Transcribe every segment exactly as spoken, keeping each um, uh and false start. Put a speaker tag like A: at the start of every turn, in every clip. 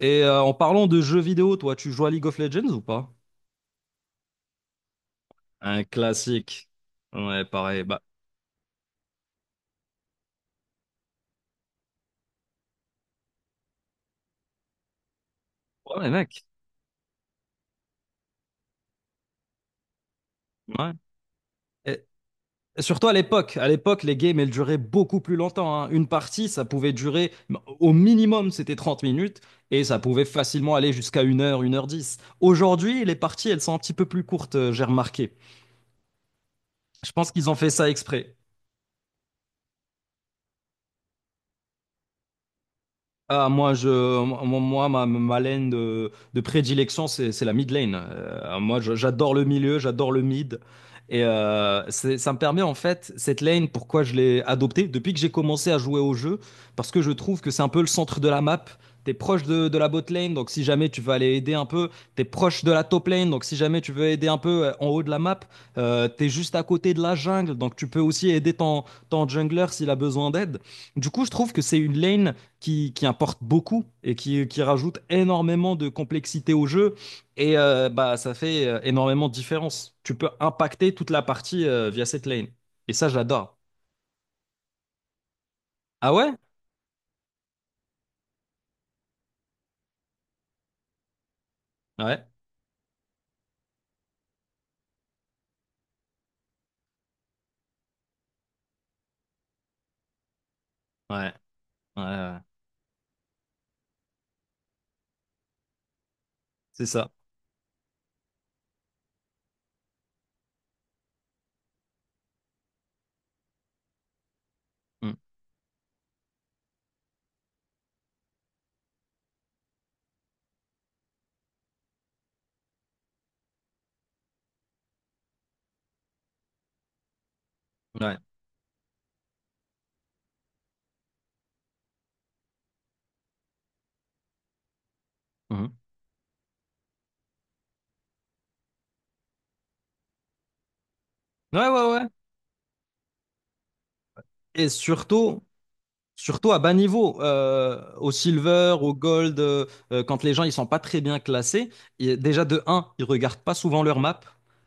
A: Et euh, en parlant de jeux vidéo, toi, tu joues à League of Legends ou pas? Un classique. Ouais, pareil. Bah, ouais, mec. Ouais. Et, et surtout à l'époque. À l'époque, les games, elles duraient beaucoup plus longtemps, hein. Une partie, ça pouvait durer, au minimum, c'était trente minutes. Et ça pouvait facilement aller jusqu'à une heure, une heure dix. Aujourd'hui, les parties, elles sont un petit peu plus courtes, euh, j'ai remarqué. Je pense qu'ils ont fait ça exprès. Ah, moi, je, mo- moi ma, ma lane de, de prédilection, c'est c'est la mid lane. Euh, moi, je- j'adore le milieu, j'adore le mid. Et euh, c'est- ça me permet, en fait, cette lane, pourquoi je l'ai adoptée depuis que j'ai commencé à jouer au jeu, parce que je trouve que c'est un peu le centre de la map. T'es proche de, de la bot lane, donc si jamais tu veux aller aider un peu, t'es proche de la top lane, donc si jamais tu veux aider un peu euh, en haut de la map, euh, t'es juste à côté de la jungle, donc tu peux aussi aider ton, ton jungler s'il a besoin d'aide. Du coup, je trouve que c'est une lane qui, qui importe beaucoup et qui, qui rajoute énormément de complexité au jeu. Et euh, bah, ça fait euh, énormément de différence. Tu peux impacter toute la partie euh, via cette lane. Et ça, j'adore. Ah ouais? Ouais, ouais, ouais, ouais, ouais. C'est ça. Mm. Ouais. Mhm. Ouais, ouais, ouais. Et surtout, surtout à bas niveau, euh, au silver, au gold, euh, euh, quand les gens ils sont pas très bien classés, et déjà de un ils regardent pas souvent leur map.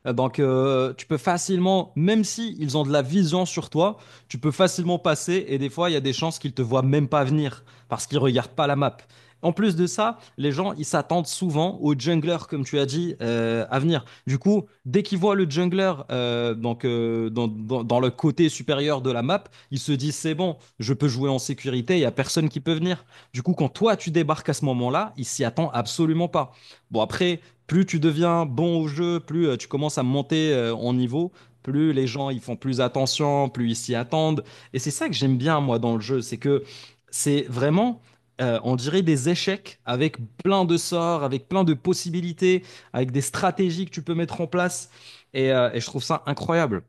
A: Euh, Donc euh, tu peux facilement, même si ils ont de la vision sur toi, tu peux facilement passer et des fois il y a des chances qu'ils te voient même pas venir parce qu'ils regardent pas la map. En plus de ça, les gens ils s'attendent souvent aux junglers comme tu as dit euh, à venir. Du coup, dès qu'ils voient le jungler euh, donc euh, dans, dans dans le côté supérieur de la map, ils se disent, c'est bon, je peux jouer en sécurité, il n'y a personne qui peut venir. Du coup, quand toi, tu débarques à ce moment-là, il s'y attend absolument pas. Bon, après, plus tu deviens bon au jeu, plus euh, tu commences à monter euh, en niveau, plus les gens ils font plus attention, plus ils s'y attendent. Et c'est ça que j'aime bien, moi, dans le jeu, c'est que c'est vraiment, euh, on dirait des échecs avec plein de sorts, avec plein de possibilités, avec des stratégies que tu peux mettre en place. Et, euh, et je trouve ça incroyable.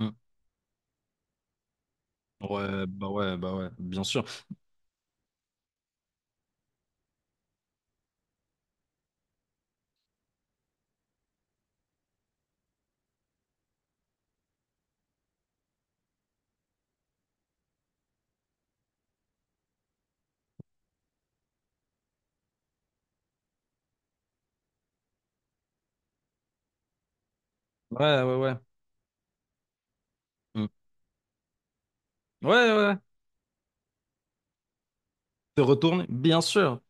A: Mm. Ouais, bah ouais, bah ouais, bien sûr. Ouais, ouais, ouais. Mm. Ouais, ouais, ouais. Te retourne, bien sûr.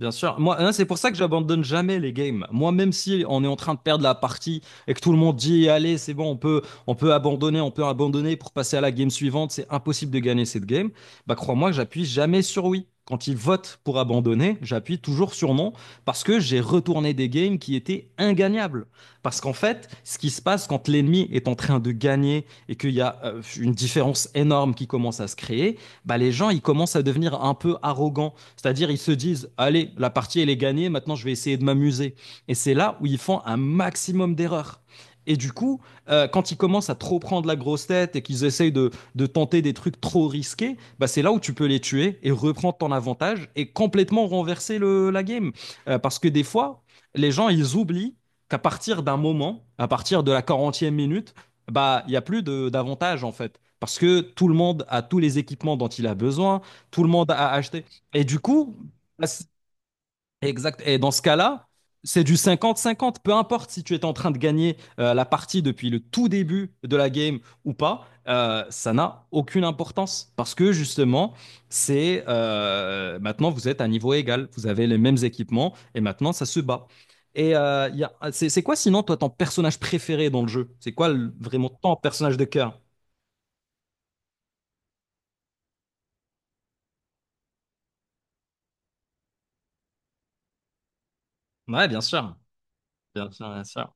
A: Bien sûr. Moi, hein, c'est pour ça que j'abandonne jamais les games. Moi, même si on est en train de perdre la partie et que tout le monde dit, allez, c'est bon, on peut, on peut abandonner, on peut abandonner pour passer à la game suivante, c'est impossible de gagner cette game. Bah, crois-moi que j'appuie jamais sur oui. Quand ils votent pour abandonner, j'appuie toujours sur non parce que j'ai retourné des games qui étaient ingagnables. Parce qu'en fait, ce qui se passe quand l'ennemi est en train de gagner et qu'il y a euh, une différence énorme qui commence à se créer, bah, les gens, ils commencent à devenir un peu arrogants, c'est-à-dire, ils se disent, allez, la partie, elle est gagnée, maintenant, je vais essayer de m'amuser. Et c'est là où ils font un maximum d'erreurs. Et du coup, euh, quand ils commencent à trop prendre la grosse tête et qu'ils essayent de, de tenter des trucs trop risqués, bah c'est là où tu peux les tuer et reprendre ton avantage et complètement renverser le, la game. Euh, parce que des fois, les gens, ils oublient qu'à partir d'un moment, à partir de la quarantième minute, bah il n'y a plus de- d'avantage, en fait. Parce que tout le monde a tous les équipements dont il a besoin, tout le monde a acheté. Et du coup, bah, c'est- exact. Et dans ce cas-là, c'est du cinquante cinquante. Peu importe si tu es en train de gagner euh, la partie depuis le tout début de la game ou pas, euh, ça n'a aucune importance. Parce que justement, c'est euh, maintenant vous êtes à niveau égal. Vous avez les mêmes équipements et maintenant ça se bat. Et euh, il y a- c'est c'est quoi sinon toi ton personnage préféré dans le jeu? C'est quoi le- vraiment ton personnage de cœur? Ouais, bien sûr. Bien sûr, bien sûr.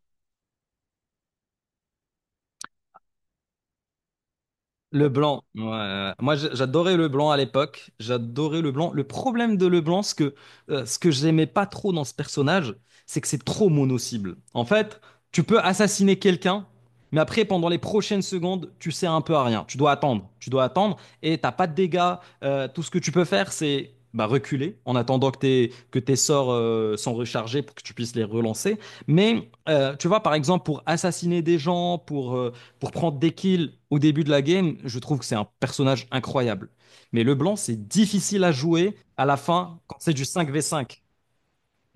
A: Le blanc, ouais, ouais. Moi j'- j'adorais le blanc à l'époque, j'adorais le blanc. Le problème de le blanc, ce que, euh, ce que j'aimais pas trop dans ce personnage, c'est que c'est trop mono-cible. En fait, tu peux assassiner quelqu'un, mais après, pendant les prochaines secondes, tu sers un peu à rien. Tu dois attendre, tu dois attendre et t'as pas de dégâts. Euh, tout ce que tu peux faire, c'est bah, reculer en attendant que tes, que tes sorts euh, sont rechargés pour que tu puisses les relancer. Mais euh, tu vois, par exemple, pour assassiner des gens, pour... euh, pour prendre des kills au début de la game, je trouve que c'est un personnage incroyable. Mais Leblanc, c'est difficile à jouer à la fin quand c'est du cinq v cinq.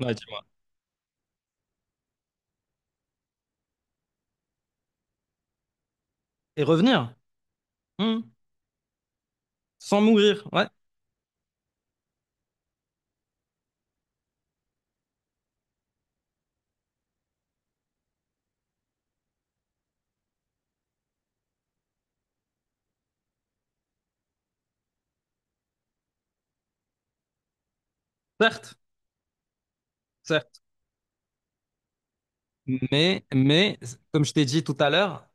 A: Ouais, dis-moi. Et revenir, hmm, sans mourir, ouais, certes, certes. Mais, mais comme je t'ai dit tout à l'heure,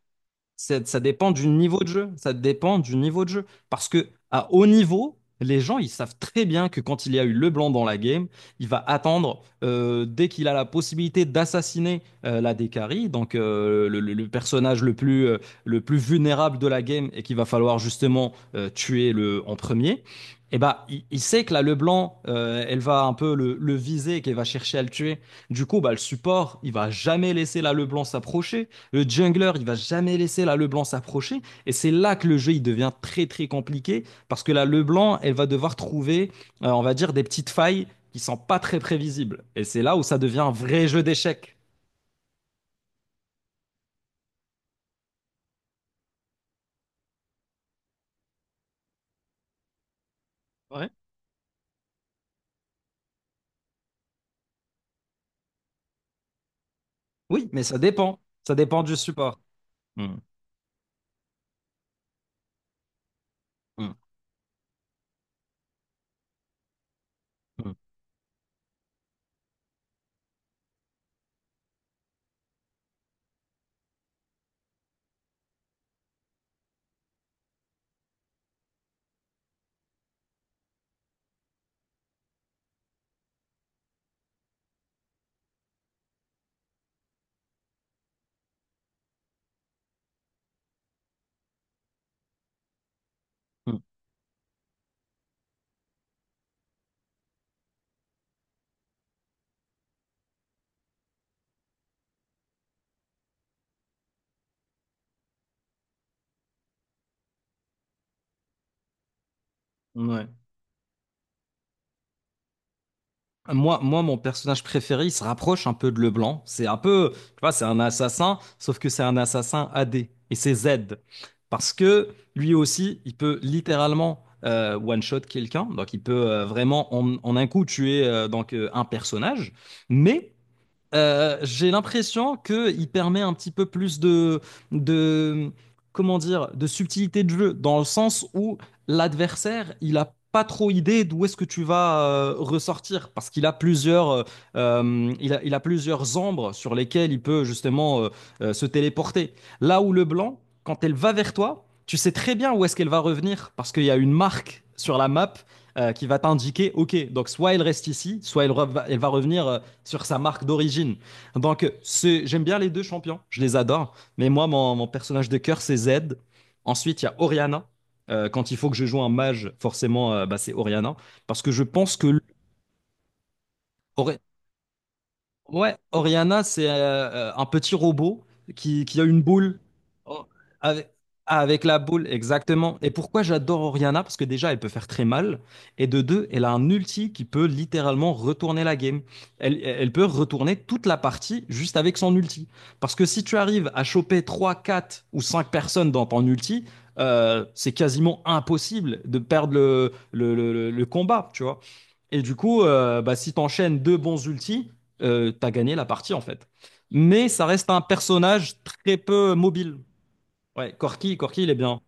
A: C'est- ça dépend du niveau de jeu. Ça dépend du niveau de jeu. Parce que à haut niveau, les gens, ils savent très bien que quand il y a eu LeBlanc dans la game, il va attendre euh, dès qu'il a la possibilité d'assassiner euh, la Dekari, donc euh, le, le- le personnage le plus, euh, le plus vulnérable de la game et qu'il va falloir justement euh, tuer le, en premier. Et bah, il, il sait que la LeBlanc, euh, elle va un peu le, le viser, qu'elle va chercher à le tuer. Du coup, bah, le support, il va jamais laisser la LeBlanc s'approcher. Le jungler, il va jamais laisser la LeBlanc s'approcher. Et c'est là que le jeu, il devient très, très compliqué. Parce que la LeBlanc, elle va devoir trouver, euh, on va dire, des petites failles qui sont pas très prévisibles. Et c'est là où ça devient un vrai jeu d'échecs. Ouais. Oui, mais ça dépend. Ça dépend du support. Hmm. Hmm. Ouais. Moi, moi, mon personnage préféré, il se rapproche un peu de Leblanc. C'est un peu, tu vois, c'est un assassin, sauf que c'est un assassin A D. Et c'est Z. Parce que lui aussi, il peut littéralement euh, one-shot quelqu'un. Donc, il peut euh, vraiment, en, en un coup, tuer euh, donc, euh, un personnage. Mais euh, j'ai l'impression qu'il permet un petit peu plus de, de, comment dire, de subtilité de jeu, dans le sens où l'adversaire, il a pas trop idée d'où est-ce que tu vas euh, ressortir, parce qu'il a plusieurs, euh, euh, il a, il a plusieurs ombres sur lesquelles il peut justement euh, euh, se téléporter. Là où le blanc, quand elle va vers toi, tu sais très bien où est-ce qu'elle va revenir, parce qu'il y a une marque sur la map euh, qui va t'indiquer, ok, donc soit elle reste ici, soit elle, re- va- elle va revenir euh, sur sa marque d'origine. Donc, c'est- j'aime bien les deux champions, je les adore. Mais moi, mon, mon personnage de cœur, c'est Zed. Ensuite, il y a Orianna. Euh, quand il faut que je joue un mage, forcément, euh, bah, c'est Orianna. Parce que je pense que. Ouais, Oriana, c'est euh, euh, un petit robot qui, qui a une boule. Oh, Avec, ah, avec la boule, exactement. Et pourquoi j'adore Oriana? Parce que déjà, elle peut faire très mal. Et de deux, elle a un ulti qui peut littéralement retourner la game. Elle, elle peut retourner toute la partie juste avec son ulti. Parce que si tu arrives à choper trois, quatre ou cinq personnes dans ton ulti, euh, c'est quasiment impossible de perdre le, le, le, le- le combat, tu vois. Et du coup, euh, bah, si tu enchaînes deux bons ultis, euh, t'as gagné la partie, en fait. Mais ça reste un personnage très peu mobile. Ouais, Corky, Corky, il est bien.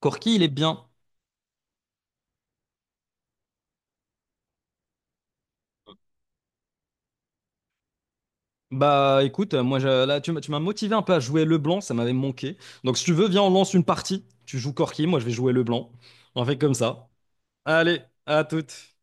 A: Corky, il est bien. Bah écoute, moi je- là tu, m'as- tu m'as motivé un peu à jouer Leblanc, ça m'avait manqué. Donc si tu veux, viens, on lance une partie. Tu joues Corky, moi je vais jouer Leblanc. On fait comme ça. Allez, à toutes.